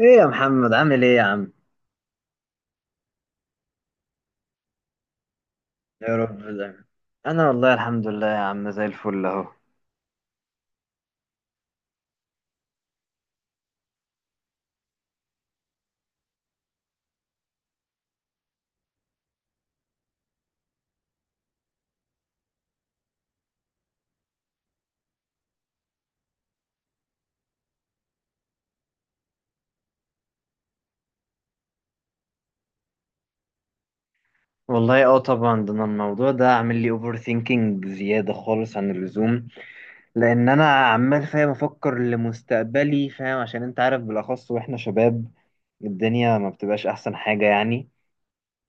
ايه يا محمد، عامل ايه يا عم؟ يا رب دايما. انا والله الحمد لله يا عم، زي الفل اهو. والله اه طبعا، ده أنا الموضوع ده عامل لي اوفر ثينكينج بزياده خالص عن اللزوم. لان انا عمال فاهم افكر لمستقبلي، فاهم؟ عشان انت عارف، بالاخص واحنا شباب الدنيا ما بتبقاش احسن حاجه يعني.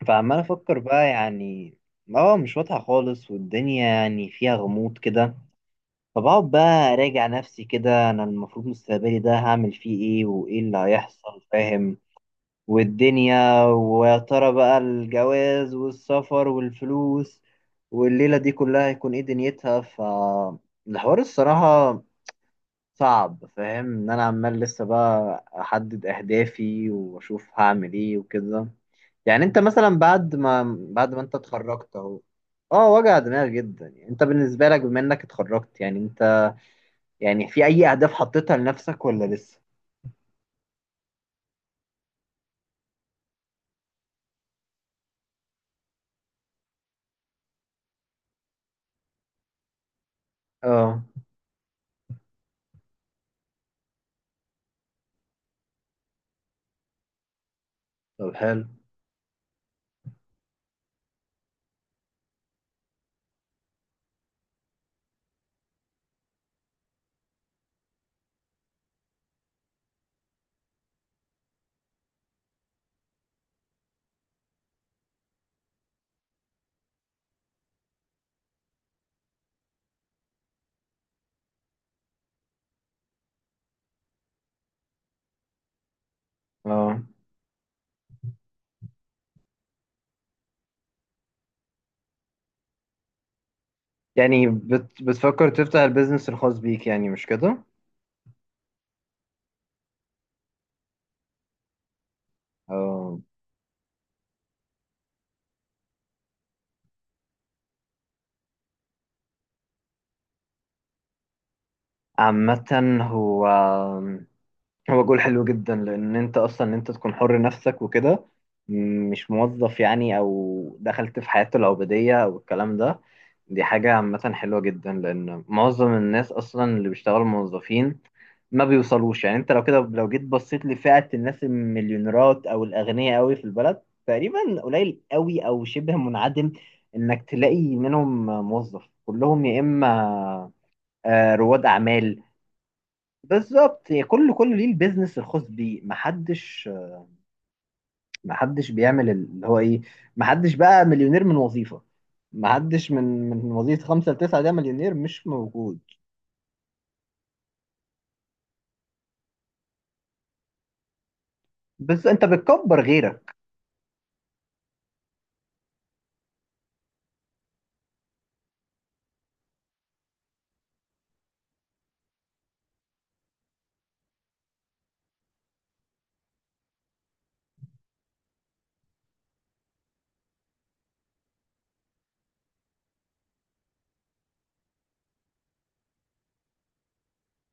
فعمال افكر بقى يعني. اه، مش واضحه خالص، والدنيا يعني فيها غموض كده. فبقعد بقى أراجع نفسي كده، أنا المفروض مستقبلي ده هعمل فيه إيه وإيه اللي هيحصل، فاهم؟ والدنيا ويا ترى بقى الجواز والسفر والفلوس والليلة دي كلها هيكون إيه دنيتها. فالحوار الصراحة صعب، فاهم؟ إن أنا عمال لسه بقى أحدد أهدافي وأشوف هعمل إيه وكده. يعني أنت مثلا بعد ما أنت اتخرجت أهو. اه، وجع دماغ جدا. يعني انت بالنسبه لك بما انك اتخرجت، يعني انت يعني في اي اهداف حطيتها لنفسك ولا لسه؟ اه، طب حلو. اه، يعني بتفكر تفتح البيزنس الخاص بيك يعني، مش كده؟ اه، عامة هو هو جول حلو جدا، لان انت اصلا ان انت تكون حر نفسك وكده. مش موظف يعني، او دخلت في حياته العبودية او الكلام ده. دي حاجة عامة حلوة جدا، لان معظم الناس اصلا اللي بيشتغلوا موظفين ما بيوصلوش يعني. انت لو كده لو جيت بصيت لفئة الناس المليونيرات او الاغنياء قوي في البلد، تقريبا قليل قوي او شبه منعدم انك تلاقي منهم موظف. كلهم يا اما رواد اعمال. بالظبط، هي كل ليه البيزنس الخاص بيه. محدش بيعمل اللي هو ايه. محدش بقى مليونير من وظيفة. محدش من وظيفة خمسة لتسعة ده مليونير، مش موجود. بس انت بتكبر غيرك.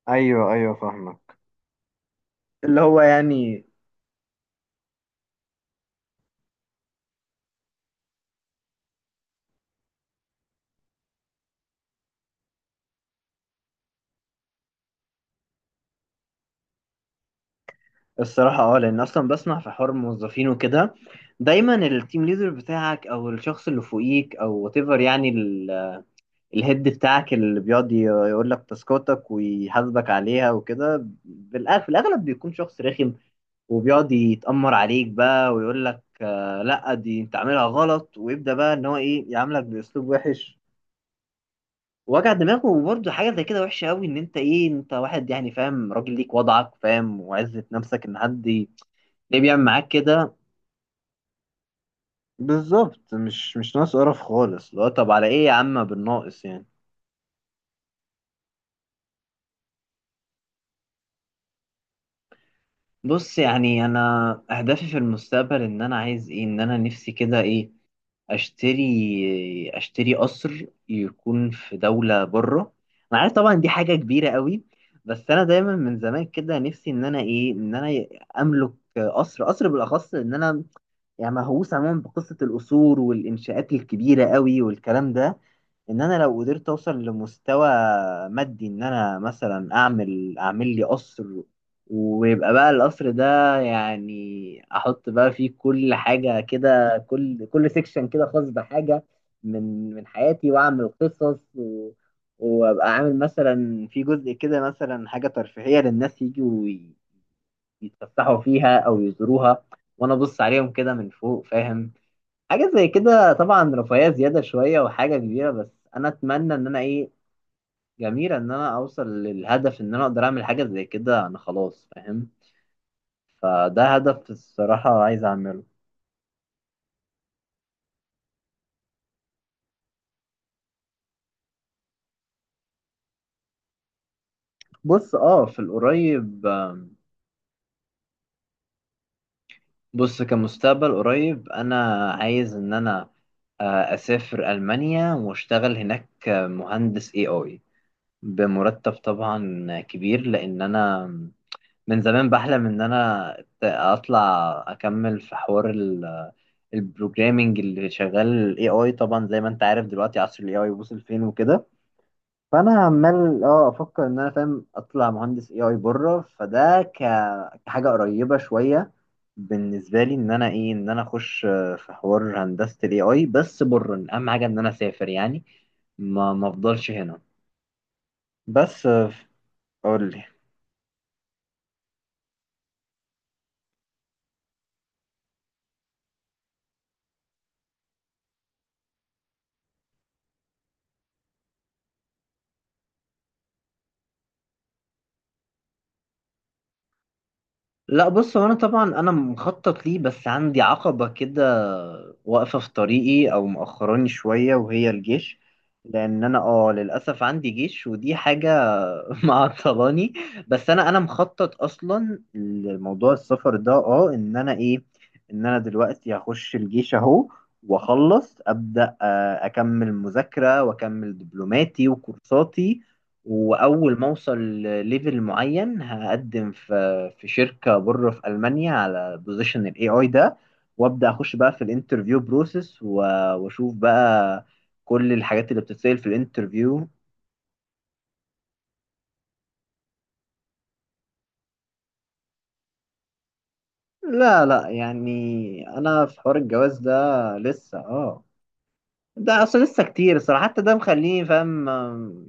ايوه، ايوه، فاهمك. اللي هو يعني. الصراحة لأن أصلا بسمع في حوار الموظفين وكده. دايما التيم ليدر بتاعك أو الشخص اللي فوقيك أو whatever يعني، الهيد بتاعك اللي بيقعد يقول لك تاسكاتك ويحاسبك عليها وكده. في الاغلب بيكون شخص رخم. وبيقعد يتأمر عليك بقى ويقول لك لا، دي انت عاملها غلط، ويبدأ بقى ان هو ايه يعاملك باسلوب وحش. وجع دماغه، وبرده حاجه زي كده وحشه قوي، ان انت ايه انت واحد يعني فاهم، راجل ليك وضعك فاهم وعزه نفسك، ان حد ليه بيعمل معاك كده. بالظبط، مش ناقص قرف خالص، اللي هو طب على ايه يا عم بالناقص يعني. بص، يعني انا اهدافي في المستقبل ان انا عايز ايه، ان انا نفسي كده ايه، اشتري قصر يكون في دولة بره. انا عارف طبعا دي حاجة كبيرة قوي. بس انا دايما من زمان كده نفسي ان انا ايه ان انا املك قصر، بالاخص ان انا يعني مهووس عموما بقصة القصور والانشاءات الكبيرة قوي والكلام ده. ان انا لو قدرت اوصل لمستوى مادي، ان انا مثلا اعمل لي قصر. ويبقى بقى القصر ده يعني احط بقى فيه كل حاجة كده، كل سيكشن كده خاص بحاجة من حياتي، واعمل قصص و... وابقى عامل مثلا في جزء كده مثلا حاجة ترفيهية للناس يجوا يتفسحوا فيها او يزوروها. وانا ابص عليهم كده من فوق، فاهم؟ حاجة زي كده طبعا رفاهية زيادة شوية وحاجة كبيرة، بس أنا أتمنى إن أنا إيه، جميلة إن أنا أوصل للهدف إن أنا أقدر أعمل حاجة زي كده أنا خلاص، فاهم؟ فده هدف الصراحة عايز أعمله. بص، أه في القريب بص كمستقبل قريب أنا عايز إن أنا أسافر ألمانيا وأشتغل هناك مهندس AI بمرتب طبعا كبير، لأن أنا من زمان بحلم إن أنا أطلع أكمل في حوار البروجرامنج اللي شغال AI. طبعا زي ما انت عارف دلوقتي عصر الAI وصل فين وكده. فانا عمال افكر ان انا فاهم اطلع مهندس AI بره، فده كحاجه قريبه شويه بالنسبه لي، ان انا ايه ان انا اخش في حوار هندسه الAI بس بره. اهم حاجه ان انا اسافر يعني، ما افضلش هنا. بس اقول، لا بص هو انا طبعا انا مخطط ليه، بس عندي عقبة كده واقفة في طريقي او مأخراني شوية، وهي الجيش. لان انا للاسف عندي جيش ودي حاجة. معطلاني. بس انا مخطط اصلا لموضوع السفر ده، اه ان انا ايه ان انا دلوقتي هخش الجيش اهو، واخلص، ابدا اكمل مذاكرة واكمل دبلوماتي وكورساتي. واول ما اوصل ليفل معين هقدم في شركه بره في المانيا على بوزيشن الAI ده، وابدا اخش بقى في الانترفيو بروسيس، واشوف بقى كل الحاجات اللي بتتسال في الانترفيو. لا لا، يعني انا في حوار الجواز ده لسه، اه. ده اصلا لسه كتير الصراحه، حتى ده مخليني فاهم،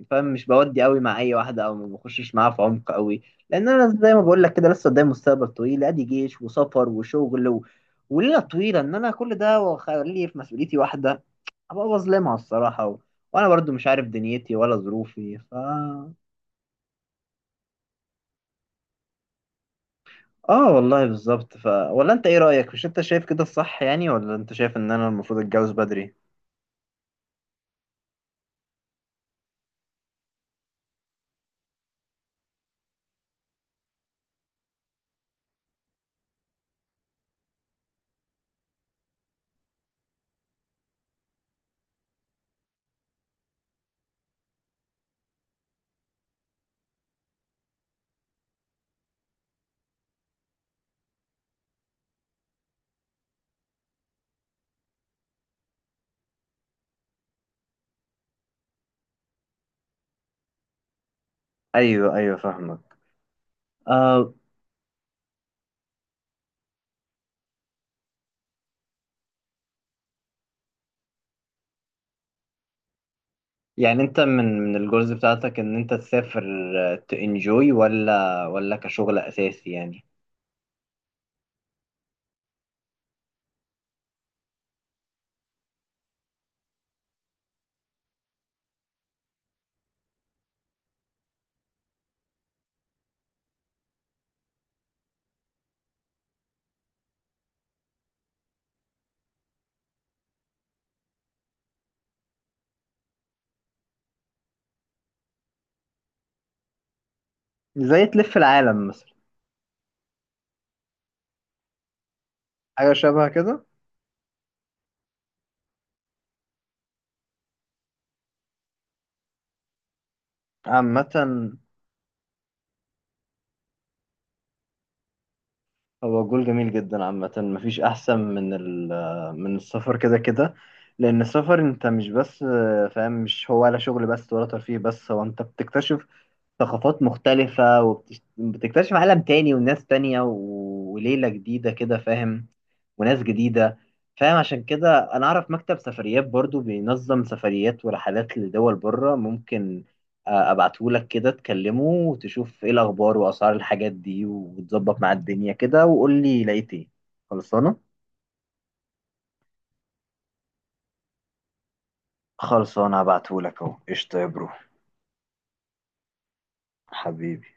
فاهم؟ مش بودي قوي مع اي واحده او ما بخشش معاها في عمق قوي. لان انا زي ما بقول لك كده، لسه قدامي مستقبل طويل، ادي جيش وسفر وشغل و... وليله طويله، ان انا كل ده واخليه في مسؤوليتي واحده، ابقى بظلمها الصراحه و... وانا برضو مش عارف دنيتي ولا ظروفي، ف اه والله بالظبط. ف ولا انت ايه رايك؟ مش انت شايف كده الصح يعني، ولا انت شايف ان انا المفروض اتجوز بدري؟ ايوه، ايوه، فاهمك. آه. يعني انت من الجولز بتاعتك ان انت تسافر تنجوي، ولا كشغل اساسي يعني؟ زي تلف العالم مثلا؟ حاجه شبه كده. عامه، هو الجول جميل جدا. عامة مفيش أحسن من من السفر كده كده، لأن السفر أنت مش بس فاهم، مش هو ولا شغل بس ولا ترفيه بس، هو أنت بتكتشف ثقافات مختلفة، وبتكتشف عالم تاني وناس تانية وليلة جديدة كده، فاهم؟ وناس جديدة. فاهم؟ عشان كده أنا أعرف مكتب سفريات برضو بينظم سفريات ورحلات لدول بره، ممكن أبعتهولك كده، تكلمه وتشوف إيه الأخبار وأسعار الحاجات دي وتظبط مع الدنيا كده، وقول لي لقيت إيه. خلصانة؟ خلصانة، هبعتهولك أهو، قشطة يا برو. حبيبي.